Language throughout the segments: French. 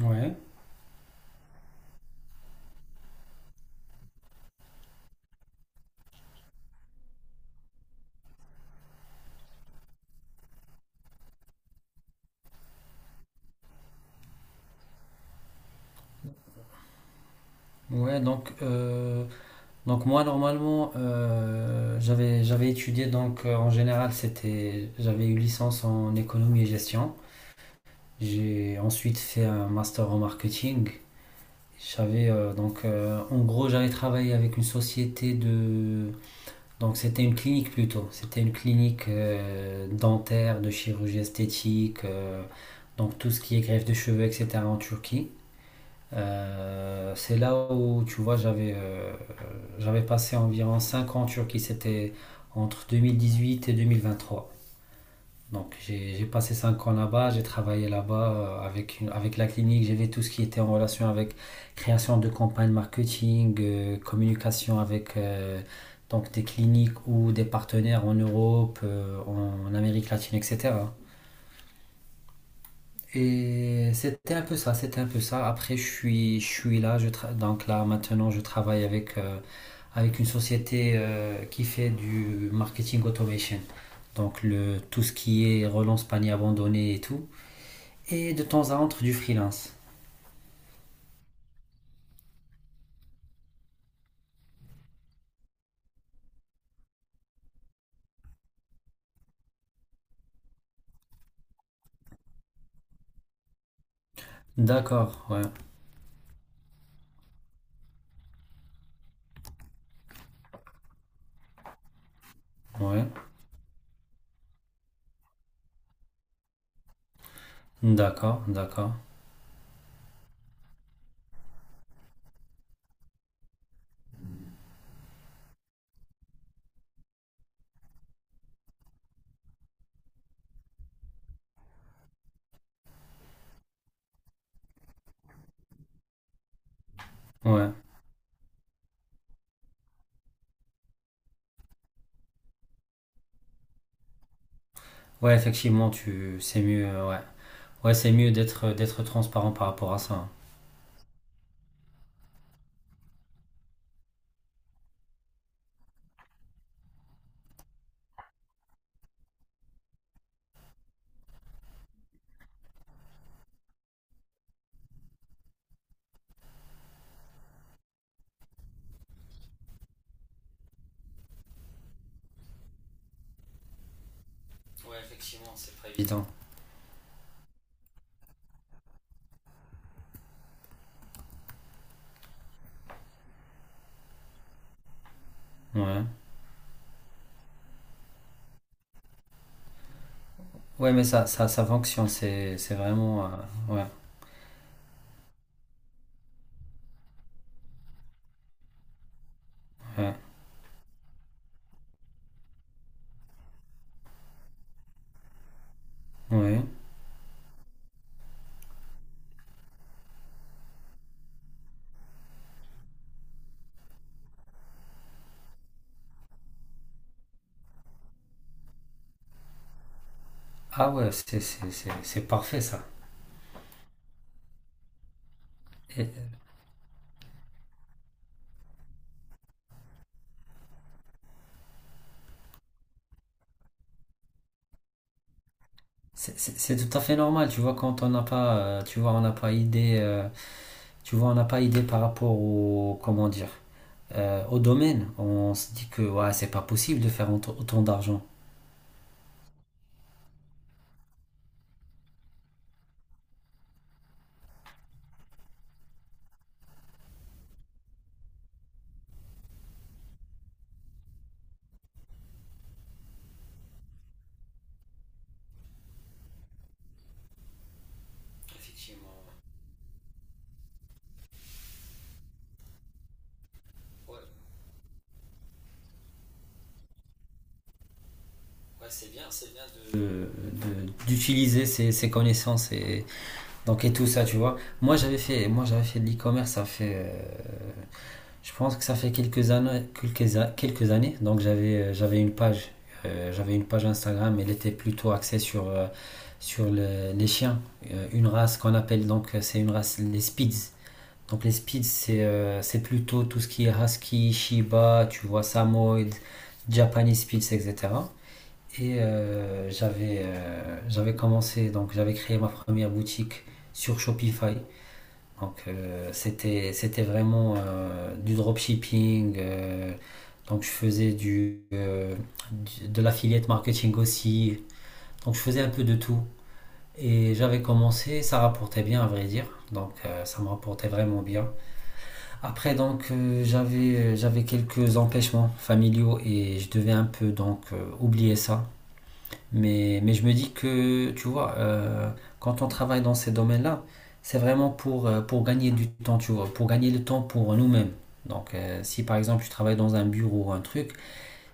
Ouais, ouais, donc moi normalement j'avais étudié donc en général c'était j'avais eu licence en économie et gestion. J'ai ensuite fait un master en marketing. J'avais donc en gros j'avais travaillé avec une société de donc c'était une clinique plutôt. C'était une clinique dentaire, de chirurgie esthétique, donc tout ce qui est greffe de cheveux, etc. en Turquie. C'est là où, tu vois, j'avais passé environ 5 ans en Turquie. C'était entre 2018 et 2023. Donc j'ai passé 5 ans là-bas, j'ai travaillé là-bas avec, avec la clinique. J'ai vu tout ce qui était en relation avec création de campagnes marketing, communication avec donc des cliniques ou des partenaires en Europe, en Amérique latine, etc. Et c'était un peu ça, c'était un peu ça. Après, je suis là, donc là maintenant, je travaille avec une société qui fait du marketing automation. Donc tout ce qui est relance panier abandonné et tout. Et de temps à autre, du freelance. D'accord, ouais, ouais. D'accord, d'accord. Ouais, ouais, effectivement, c'est mieux, ouais. Ouais, c'est mieux d'être transparent par rapport à ça. Ouais, effectivement, c'est pas évident. Ouais. Ouais, mais ça fonctionne, c'est vraiment. Ouais, ouais, ouais. Ah ouais, c'est parfait ça. Et, euh, c'est tout à fait normal, tu vois, quand on n'a pas, tu vois, on n'a pas idée, tu vois, on n'a pas idée par rapport comment dire, au domaine. On se dit que ouais, c'est pas possible de faire autant d'argent. D'utiliser ses connaissances et donc et tout ça, tu vois, moi j'avais fait de l'e-commerce, ça fait je pense que ça fait quelques années, quelques années. Donc j'avais une page Instagram. Elle était plutôt axée sur sur les chiens. Une race qu'on appelle, donc c'est une race, les Spitz. Donc les Spitz, c'est plutôt tout ce qui est Husky, Shiba, tu vois, Samoyed, Japanese Spitz, etc. J'avais commencé, donc j'avais créé ma première boutique sur Shopify. C'était vraiment du dropshipping. Donc je faisais de l'affiliate marketing aussi. Donc je faisais un peu de tout. Et j'avais commencé, ça rapportait bien, à vrai dire. Ça me rapportait vraiment bien. Après, donc j'avais quelques empêchements familiaux et je devais un peu, donc oublier ça. Mais je me dis que, tu vois, quand on travaille dans ces domaines-là, c'est vraiment pour gagner du temps, tu vois, pour gagner le temps pour nous-mêmes. Donc, si par exemple tu travailles dans un bureau ou un truc,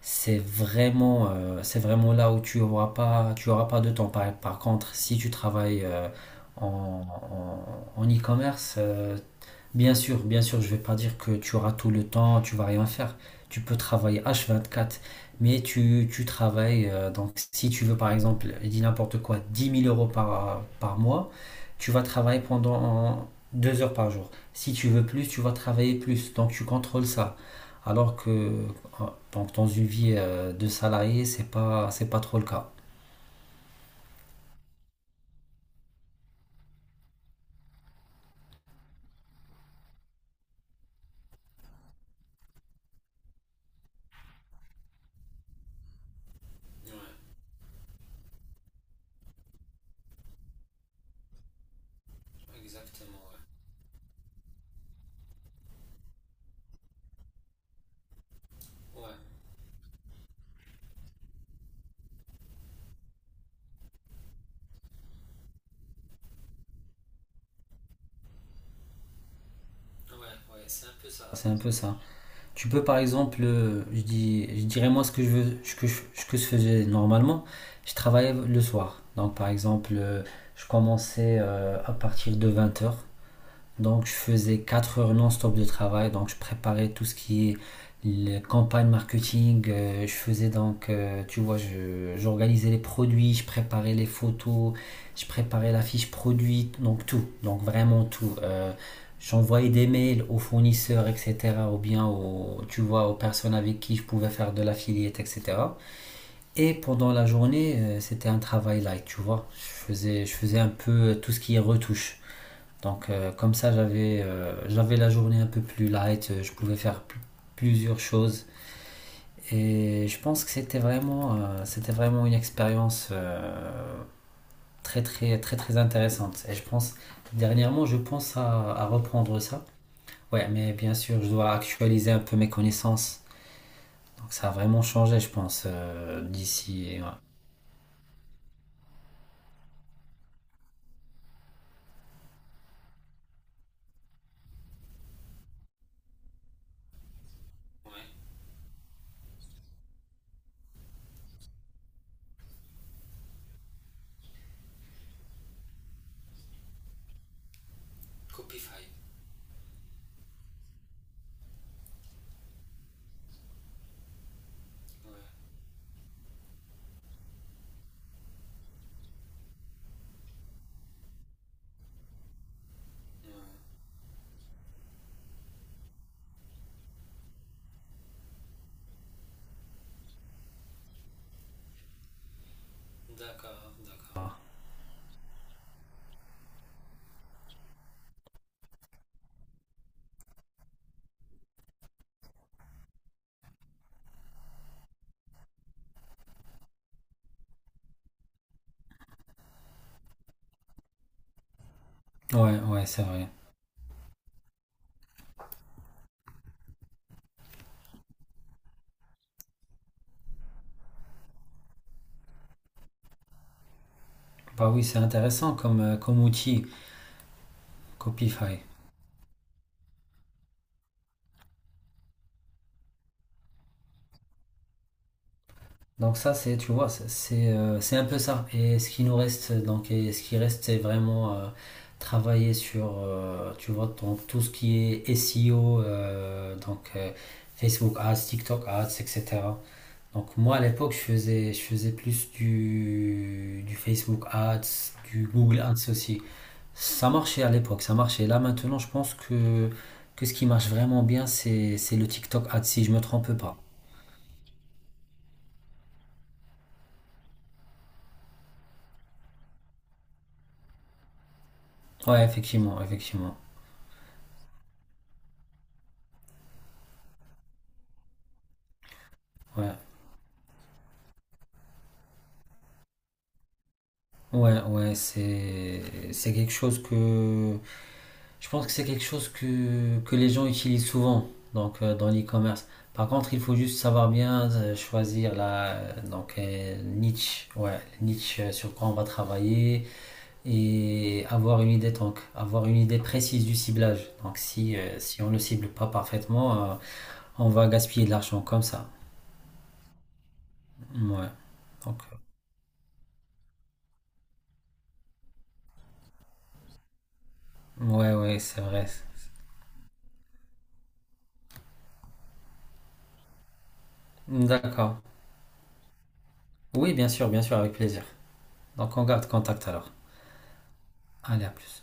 c'est vraiment là où tu auras pas de temps. Par contre, si tu travailles en, en, en e-commerce, bien sûr, bien sûr, je ne vais pas dire que tu auras tout le temps, tu vas rien faire. Tu peux travailler H24, mais tu travailles. Donc, si tu veux, par exemple, je dis n'importe quoi, 10 000 euros par mois, tu vas travailler pendant 2 heures par jour. Si tu veux plus, tu vas travailler plus. Donc, tu contrôles ça. Alors que euh, donc, dans une vie de salarié, c'est pas trop le cas. C'est un peu ça. Tu peux par exemple, je dirais moi ce que je veux, ce que je faisais normalement, je travaillais le soir. Donc par exemple, je commençais à partir de 20 heures. Donc je faisais 4 heures non-stop de travail, donc je préparais tout ce qui est les campagnes marketing. Je faisais donc, tu vois, j'organisais les produits, je préparais les photos, je préparais la fiche produit, donc tout, donc vraiment tout. J'envoyais des mails aux fournisseurs, etc., ou bien aux, tu vois, aux personnes avec qui je pouvais faire de l'affiliate, etc. Et pendant la journée, c'était un travail light, tu vois. Je faisais un peu tout ce qui est retouche. Comme ça, j'avais la journée un peu plus light, je pouvais faire plusieurs choses. Et je pense que c'était vraiment une expérience très très très très intéressante. Et je pense, dernièrement, je pense à reprendre ça. Ouais, mais bien sûr, je dois actualiser un peu mes connaissances. Donc ça a vraiment changé, je pense, d'ici. Ouais. Ouais, ouais, c'est vrai. Bah oui, c'est intéressant comme outil, Copify. Donc ça, c'est, tu vois, c'est un peu ça. Et ce qui nous reste, donc, et ce qui reste, c'est vraiment travailler sur, tu vois, donc, tout ce qui est SEO, Facebook Ads, TikTok Ads, etc. Donc moi, à l'époque, je faisais plus du Facebook Ads, du Google Ads aussi. Ça marchait à l'époque, ça marchait. Là, maintenant, je pense que ce qui marche vraiment bien, c'est le TikTok Ads, si je me trompe pas. Ouais, effectivement, effectivement. Ouais. Ouais, ouais, c'est quelque chose que je pense que c'est quelque chose que les gens utilisent souvent, donc dans l'e-commerce. Par contre, il faut juste savoir bien choisir la niche, ouais, niche sur quoi on va travailler, et avoir une idée précise du ciblage. Donc si on ne cible pas parfaitement, on va gaspiller de l'argent comme ça. Ouais. Donc ouais, ouais, c'est vrai. D'accord. Oui, bien sûr, avec plaisir. Donc on garde contact alors. Allez, à plus.